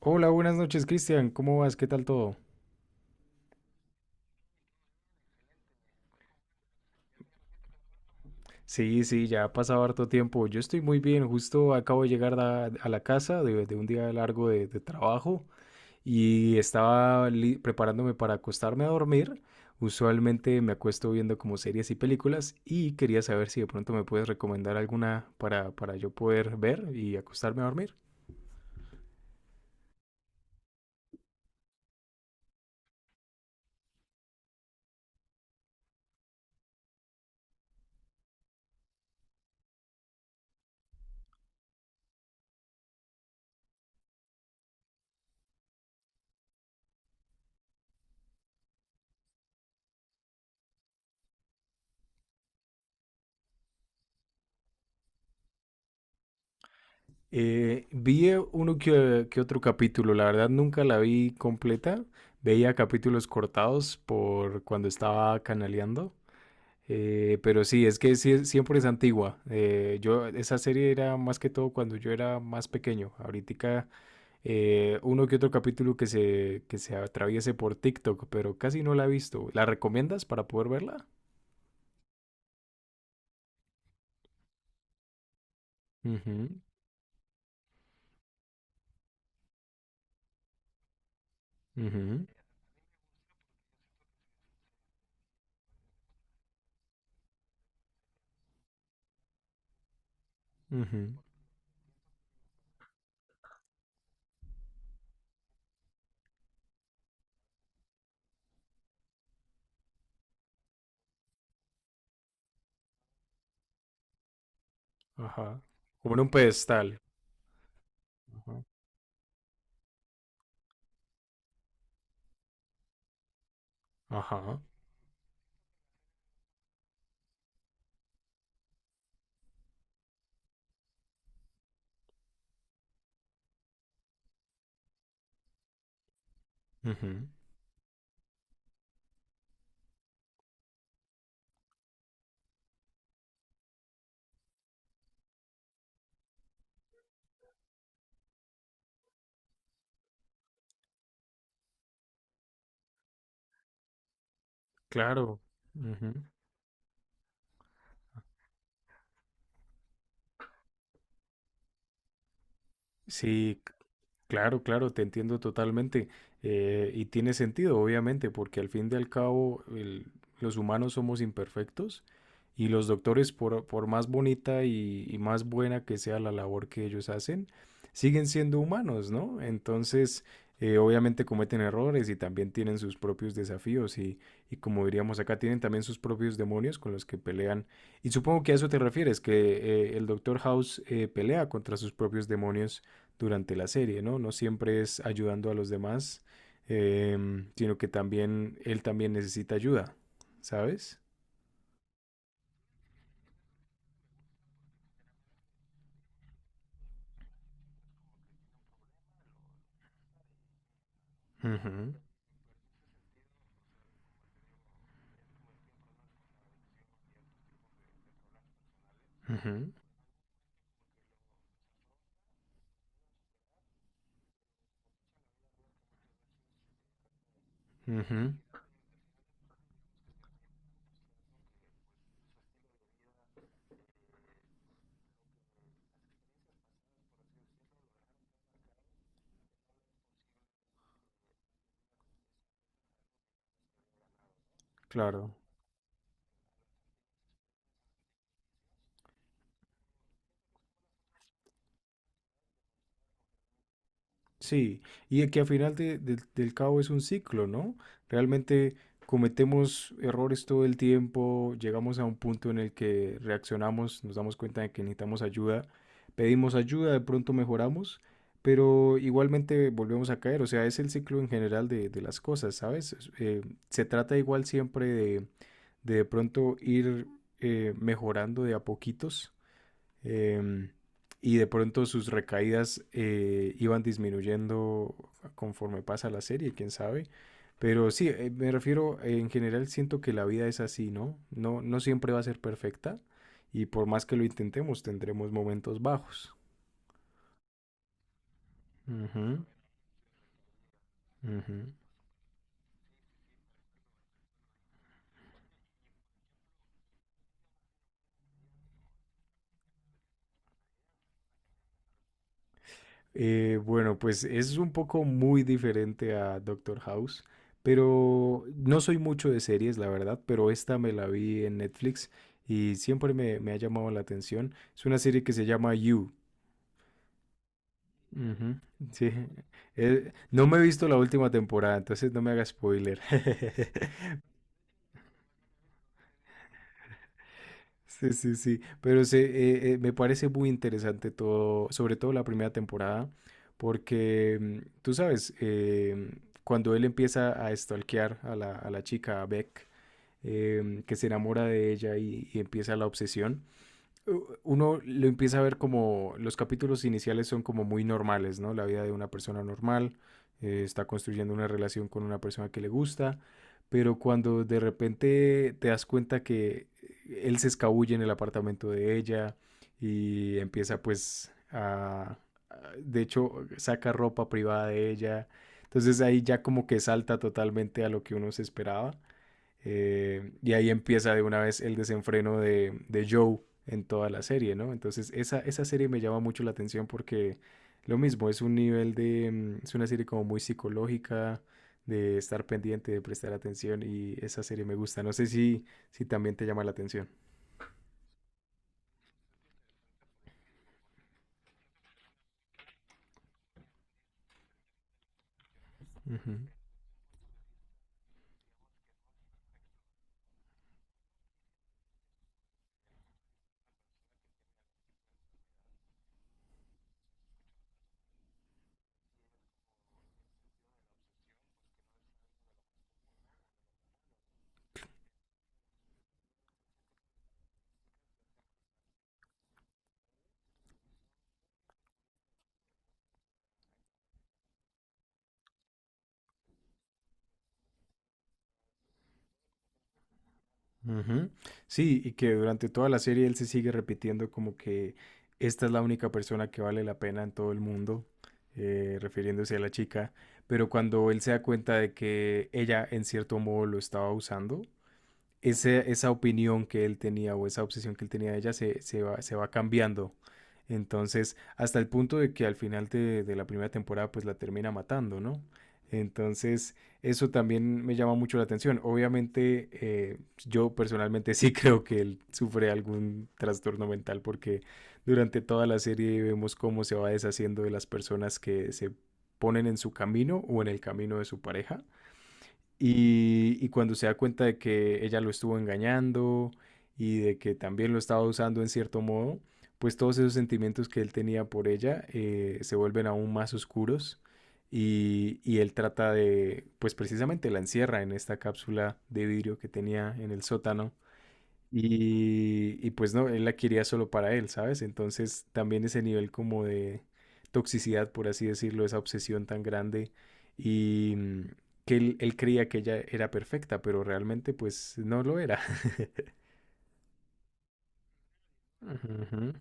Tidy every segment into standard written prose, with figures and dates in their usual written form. Hola, buenas noches, Cristian. ¿Cómo vas? ¿Qué tal todo? Sí, sí, ya ha pasado harto tiempo. Yo estoy muy bien. Justo acabo de llegar a la casa de un día largo de trabajo y estaba preparándome para acostarme a dormir. Usualmente me acuesto viendo como series y películas y quería saber si de pronto me puedes recomendar alguna para yo poder ver y acostarme a dormir. Vi uno que otro capítulo, la verdad nunca la vi completa, veía capítulos cortados por cuando estaba canaleando, pero sí, es que sí, siempre es antigua. Yo, esa serie era más que todo cuando yo era más pequeño, ahorita uno que otro capítulo que se atraviese por TikTok, pero casi no la he visto. ¿La recomiendas para poder verla? Ujú, ujú, ujú. Ajá. Como en un pedestal. Ajá. Ajá. Ujú. Claro. Ujú. Sí, claro, claro, te entiendo totalmente. Y tiene sentido, obviamente, porque al fin y al cabo los humanos somos imperfectos y los doctores, por más bonita y más buena que sea la labor que ellos hacen, siguen siendo humanos, ¿no? Entonces, obviamente cometen errores y también tienen sus propios desafíos y como diríamos acá, tienen también sus propios demonios con los que pelean. Y supongo que a eso te refieres, que el doctor House pelea contra sus propios demonios durante la serie, ¿no? No siempre es ayudando a los demás, sino que también él también necesita ayuda, ¿sabes? Ujú, ujú, ujú, claro. Sí, y de que al final del del cabo es un ciclo, ¿no? Realmente cometemos errores todo el tiempo, llegamos a un punto en el que reaccionamos, nos damos cuenta de que necesitamos ayuda, pedimos ayuda, de pronto mejoramos, pero igualmente volvemos a caer, o sea, es el ciclo en general de las cosas, ¿sabes? Se trata igual siempre de de pronto ir mejorando de a poquitos eh, y de pronto sus recaídas iban disminuyendo conforme pasa la serie, quién sabe. Pero sí, me refiero, en general siento que la vida es así, ¿no? No, no siempre va a ser perfecta y por más que lo intentemos tendremos momentos bajos. Ujú, ujú. Bueno, pues es un poco muy diferente a Doctor House, pero no soy mucho de series, la verdad, pero esta me la vi en Netflix y siempre me ha llamado la atención. Es una serie que se llama You. Ujú, sí. No me he visto la última temporada, entonces no me haga spoiler. Sí, sí, sí, pero se, me parece muy interesante todo, sobre todo la primera temporada, porque mm, tú sabes, cuando él empieza a stalkear a a la chica, a Beck, que se enamora de ella y empieza la obsesión, uno lo empieza a ver como los capítulos iniciales son como muy normales, ¿no? La vida de una persona normal, está construyendo una relación con una persona que le gusta, pero cuando de repente te das cuenta que él se escabulle en el apartamento de ella y empieza pues de hecho, saca ropa privada de ella, entonces ahí ya como que salta totalmente a lo que uno se esperaba y ahí empieza de una vez el desenfreno de Joe en toda la serie, ¿no? Entonces esa serie me llama mucho la atención porque lo mismo, es un nivel de, mm, es una serie como muy psicológica, de estar pendiente, de prestar atención y esa serie me gusta. No sé si, si también te llama la atención. Ujú. Ujú. Sí, y que durante toda la serie él se sigue repitiendo como que esta es la única persona que vale la pena en todo el mundo, refiriéndose a la chica, pero cuando él se da cuenta de que ella en cierto modo lo estaba usando, esa opinión que él tenía o esa obsesión que él tenía de ella se va cambiando. Entonces, hasta el punto de que al final de la primera temporada, pues la termina matando, ¿no? Entonces, eso también me llama mucho la atención. Obviamente, yo personalmente sí creo que él sufre algún trastorno mental porque durante toda la serie vemos cómo se va deshaciendo de las personas que se ponen en su camino o en el camino de su pareja. Y cuando se da cuenta de que ella lo estuvo engañando y de que también lo estaba usando en cierto modo, pues todos esos sentimientos que él tenía por ella se vuelven aún más oscuros y él trata de, pues precisamente la encierra en esta cápsula de vidrio que tenía en el sótano y pues no, él la quería solo para él, ¿sabes? Entonces también ese nivel como de toxicidad, por así decirlo, esa obsesión tan grande y mm, que él creía que ella era perfecta, pero realmente pues no lo era. Ujú,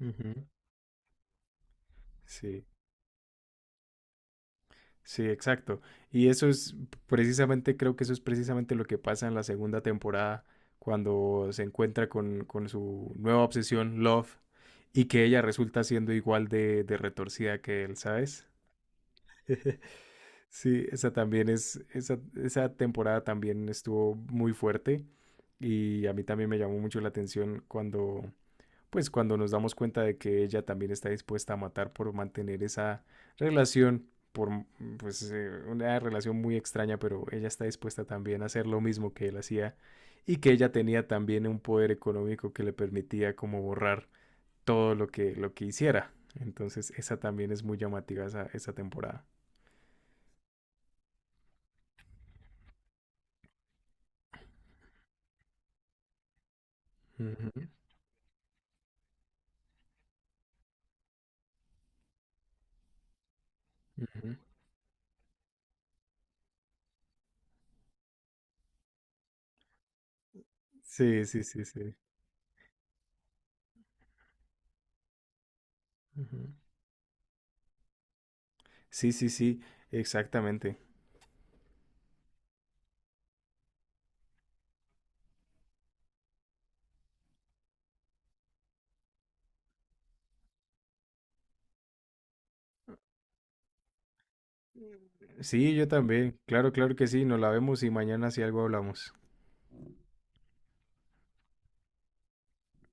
ujú. Sí. Sí, exacto. Y eso es precisamente, creo que eso es precisamente lo que pasa en la segunda temporada, cuando se encuentra con su nueva obsesión, Love, y que ella resulta siendo igual de retorcida que él, ¿sabes? Sí, esa también es, esa temporada también estuvo muy fuerte y a mí también me llamó mucho la atención cuando pues cuando nos damos cuenta de que ella también está dispuesta a matar por mantener esa relación, por mm, pues una relación muy extraña, pero ella está dispuesta también a hacer lo mismo que él hacía y que ella tenía también un poder económico que le permitía como borrar todo lo que hiciera. Entonces, esa también es muy llamativa esa temporada. Ujú, ujú. Sí, sí, sí, sí. Ujú. Sí, sí, sí, exactamente. Sí, yo también. Claro, claro que sí, nos la vemos y mañana si algo hablamos.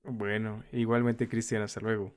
Bueno, igualmente, Cristian, hasta luego.